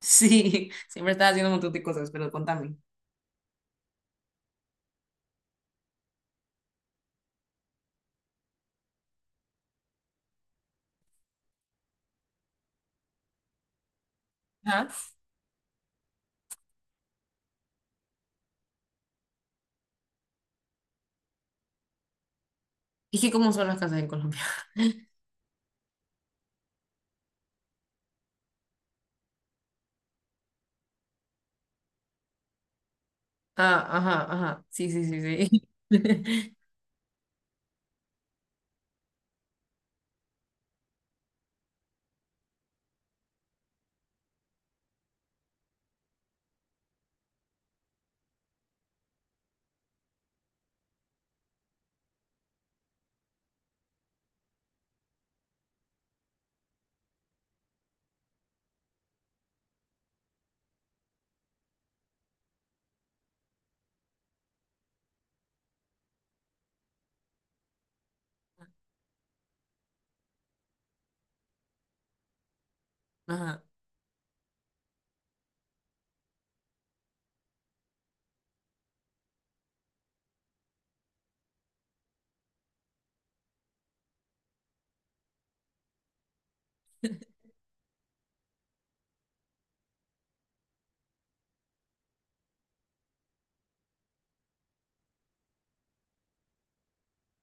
Sí, siempre estás haciendo un montón de cosas, pero contame. Ajá. Es que cómo son las casas en Colombia. Ah, ajá, ajá. Sí, sí, sí, sí. Ajá.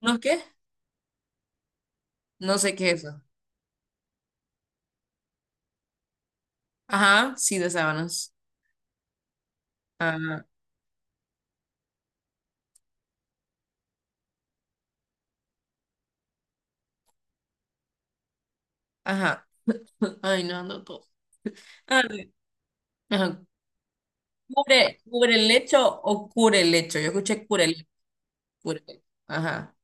¿No qué? No sé qué es eso. Ajá, sí, de sábanas. Ah, ajá. Ay, no, no todo. Ah, ajá. ¿Cubre, cubre el lecho o cure el lecho? Yo escuché cure el. Ajá.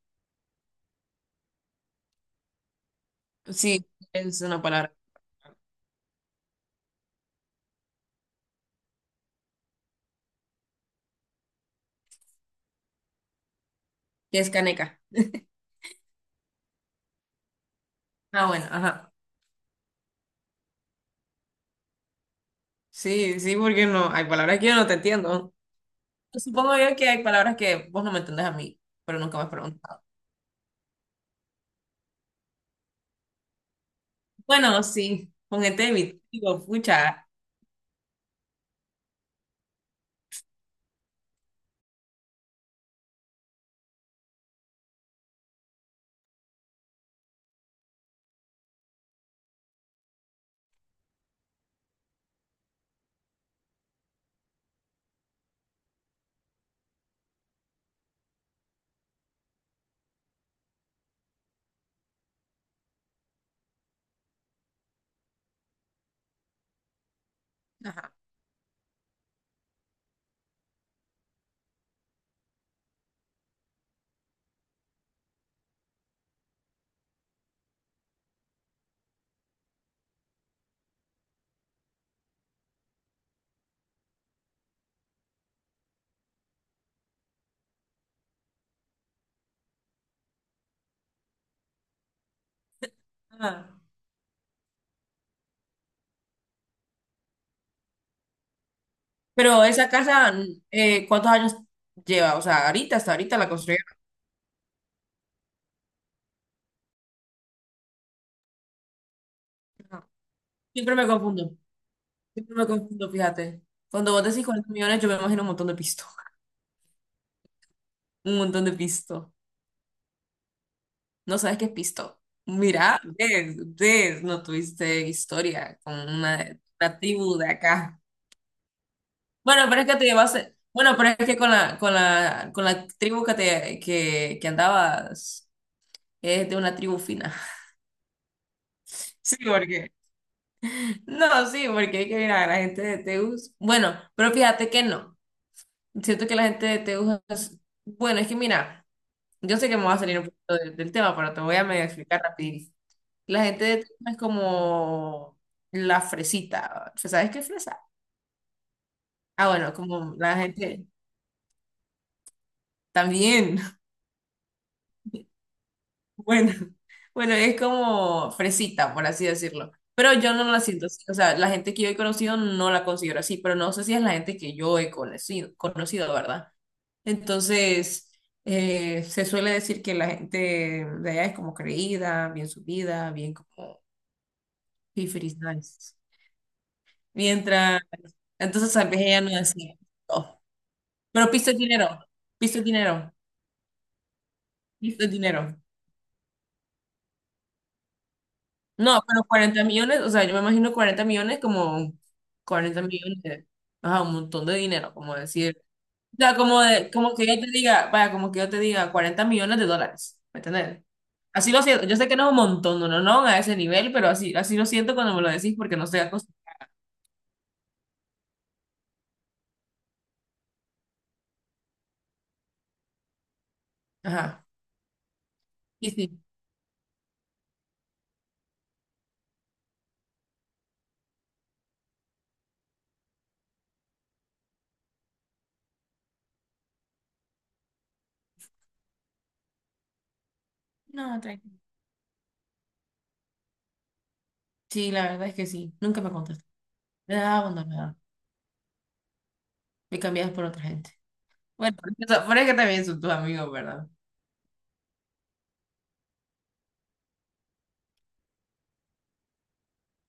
Sí, es una palabra. ¿Qué es caneca? Ah, bueno, ajá. Sí, sí, porque no. Hay palabras que yo no te entiendo. Supongo yo que hay palabras que vos no me entendés a mí, pero nunca me has preguntado. Bueno, sí, ponete mi digo, pucha. Ajá. Ah. Pero esa casa, ¿cuántos años lleva? O sea, ahorita, hasta ahorita la construyeron. Ajá. Siempre me confundo, siempre me confundo, fíjate. Cuando vos decís 40 millones, yo me imagino un montón de pisto, un montón de pisto. No sabes qué es pisto. Mira, ves, ves, no tuviste historia con una tribu de acá. Bueno, pero es que con la tribu que andabas, es de una tribu fina. Sí, porque No, sí, porque hay que mira, la gente de Teus, bueno, pero fíjate que no. Siento que la gente de Teus es, bueno, es que mira, yo sé que me va a salir un poquito del tema, pero te voy a medio explicar rapidito. La gente de Teus es como la fresita. ¿Sabes qué es fresa? Ah, bueno, como la gente también. Bueno, bueno, es como fresita, por así decirlo. Pero yo no la siento así. O sea, la gente que yo he conocido no la considero así, pero no sé si es la gente que yo he conocido, conocido, ¿verdad? Entonces, se suele decir que la gente de allá es como creída, bien subida, bien como fifris nice. Mientras, entonces tal vez ella no es así. Oh. Pero pisto es dinero, pisto es dinero, pisto es dinero. No, pero 40 millones, o sea, yo me imagino 40 millones como 40 millones, ajá, un montón de dinero, como decir, o sea, como, de, como que yo te diga, vaya, como que yo te diga 40 millones de dólares, ¿me entiendes? Así lo siento, yo sé que no es un montón, no, no, no, a ese nivel, pero así, así lo siento cuando me lo decís porque no estoy acostumbrada. Ajá, y sí. No, tranquilo. Sí, la verdad es que sí, nunca me contesté. Me dejaba abandonada, me cambiabas por otra gente. Bueno, por pero es que también son tus amigos, ¿verdad?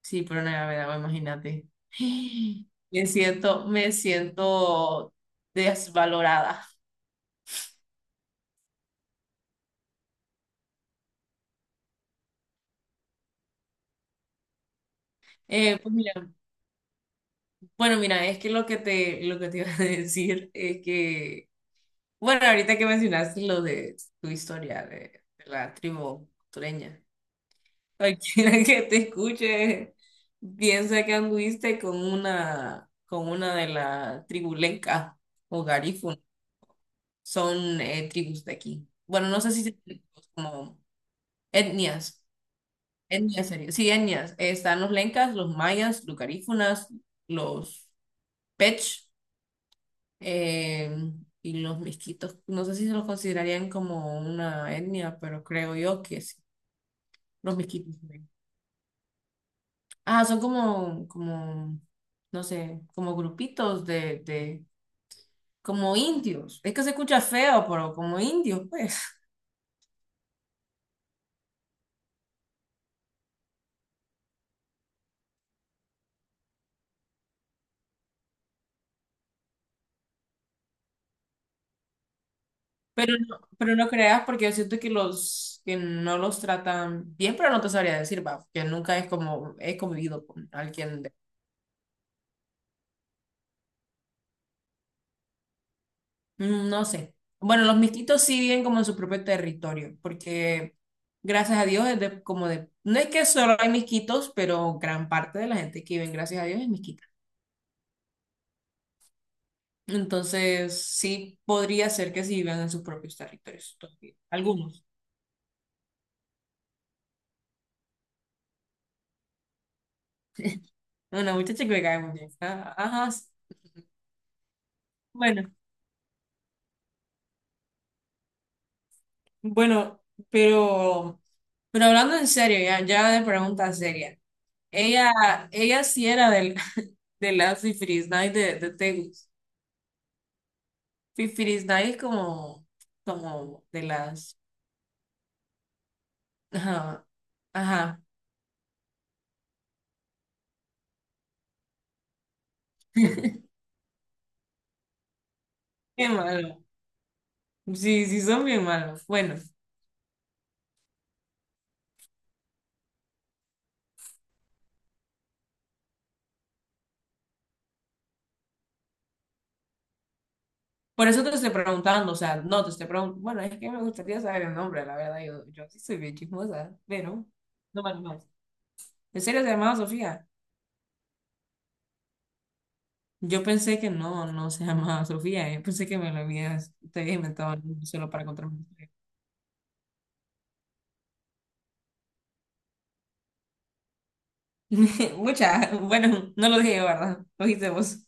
Sí, pero no me agua, imagínate. Me siento desvalorada. Pues mira, bueno, mira, es que lo que te iba a decir es que, bueno, ahorita que mencionaste lo de tu historia de la tribu costeña, cualquiera que te escuche piensa que anduviste con una de la tribu lenca o garífuna. Son tribus de aquí. Bueno, no sé si como Etnias, etnias sería. Sí, etnias. Están los lencas, los mayas, los garífunas, los pech eh, y los misquitos. No sé si se los considerarían como una etnia, pero creo yo que sí. Los misquitos también. Ah, son como, no sé, como grupitos como indios. Es que se escucha feo, pero como indios, pues. Pero no creas porque yo siento que los que no los tratan bien, pero no te sabría decir, va, que nunca es como he convivido con alguien. No sé. Bueno, los mixtitos sí viven como en su propio territorio, porque gracias a Dios es de, como de, no es que solo hay mixquitos, pero gran parte de la gente que vive, gracias a Dios, es mixquita. Entonces, sí podría ser que sí vivan en sus propios territorios todavía. Algunos. Una muchacha que me cae muy bien. Ah, ajá, sí. Bueno. Bueno, pero, pero hablando en serio, ya, ya de pregunta seria. Ella, ella sí era de las Fifiris Night de Tegus. Fifiris Night es como de las. Ajá. Ajá. Qué malo. Sí, sí, son bien malos. Bueno, por eso te estoy preguntando, o sea, no te estoy preguntando. Bueno, es que me gustaría saber el nombre, la verdad. Yo sí soy bien chismosa, pero no vale más. ¿En serio se llamaba Sofía? Yo pensé que no, no se llamaba Sofía. Yo pensé que te habías inventado el nombre solo para contarme una historia. Bueno, no lo dije yo, ¿verdad? Lo dijiste vos.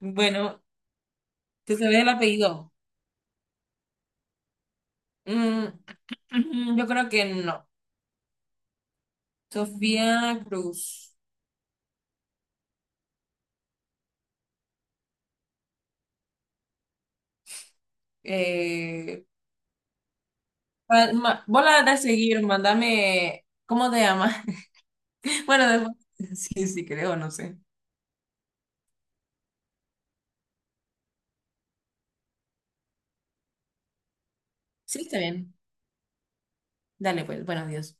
Bueno, ¿te sabes el apellido? Mm, yo creo que no. Sofía Cruz. Eh, vos la das a seguir, mándame. ¿Cómo te llamas? Bueno, después. Sí, sí, creo, no sé. Sí, está bien. Dale, pues, bueno, adiós.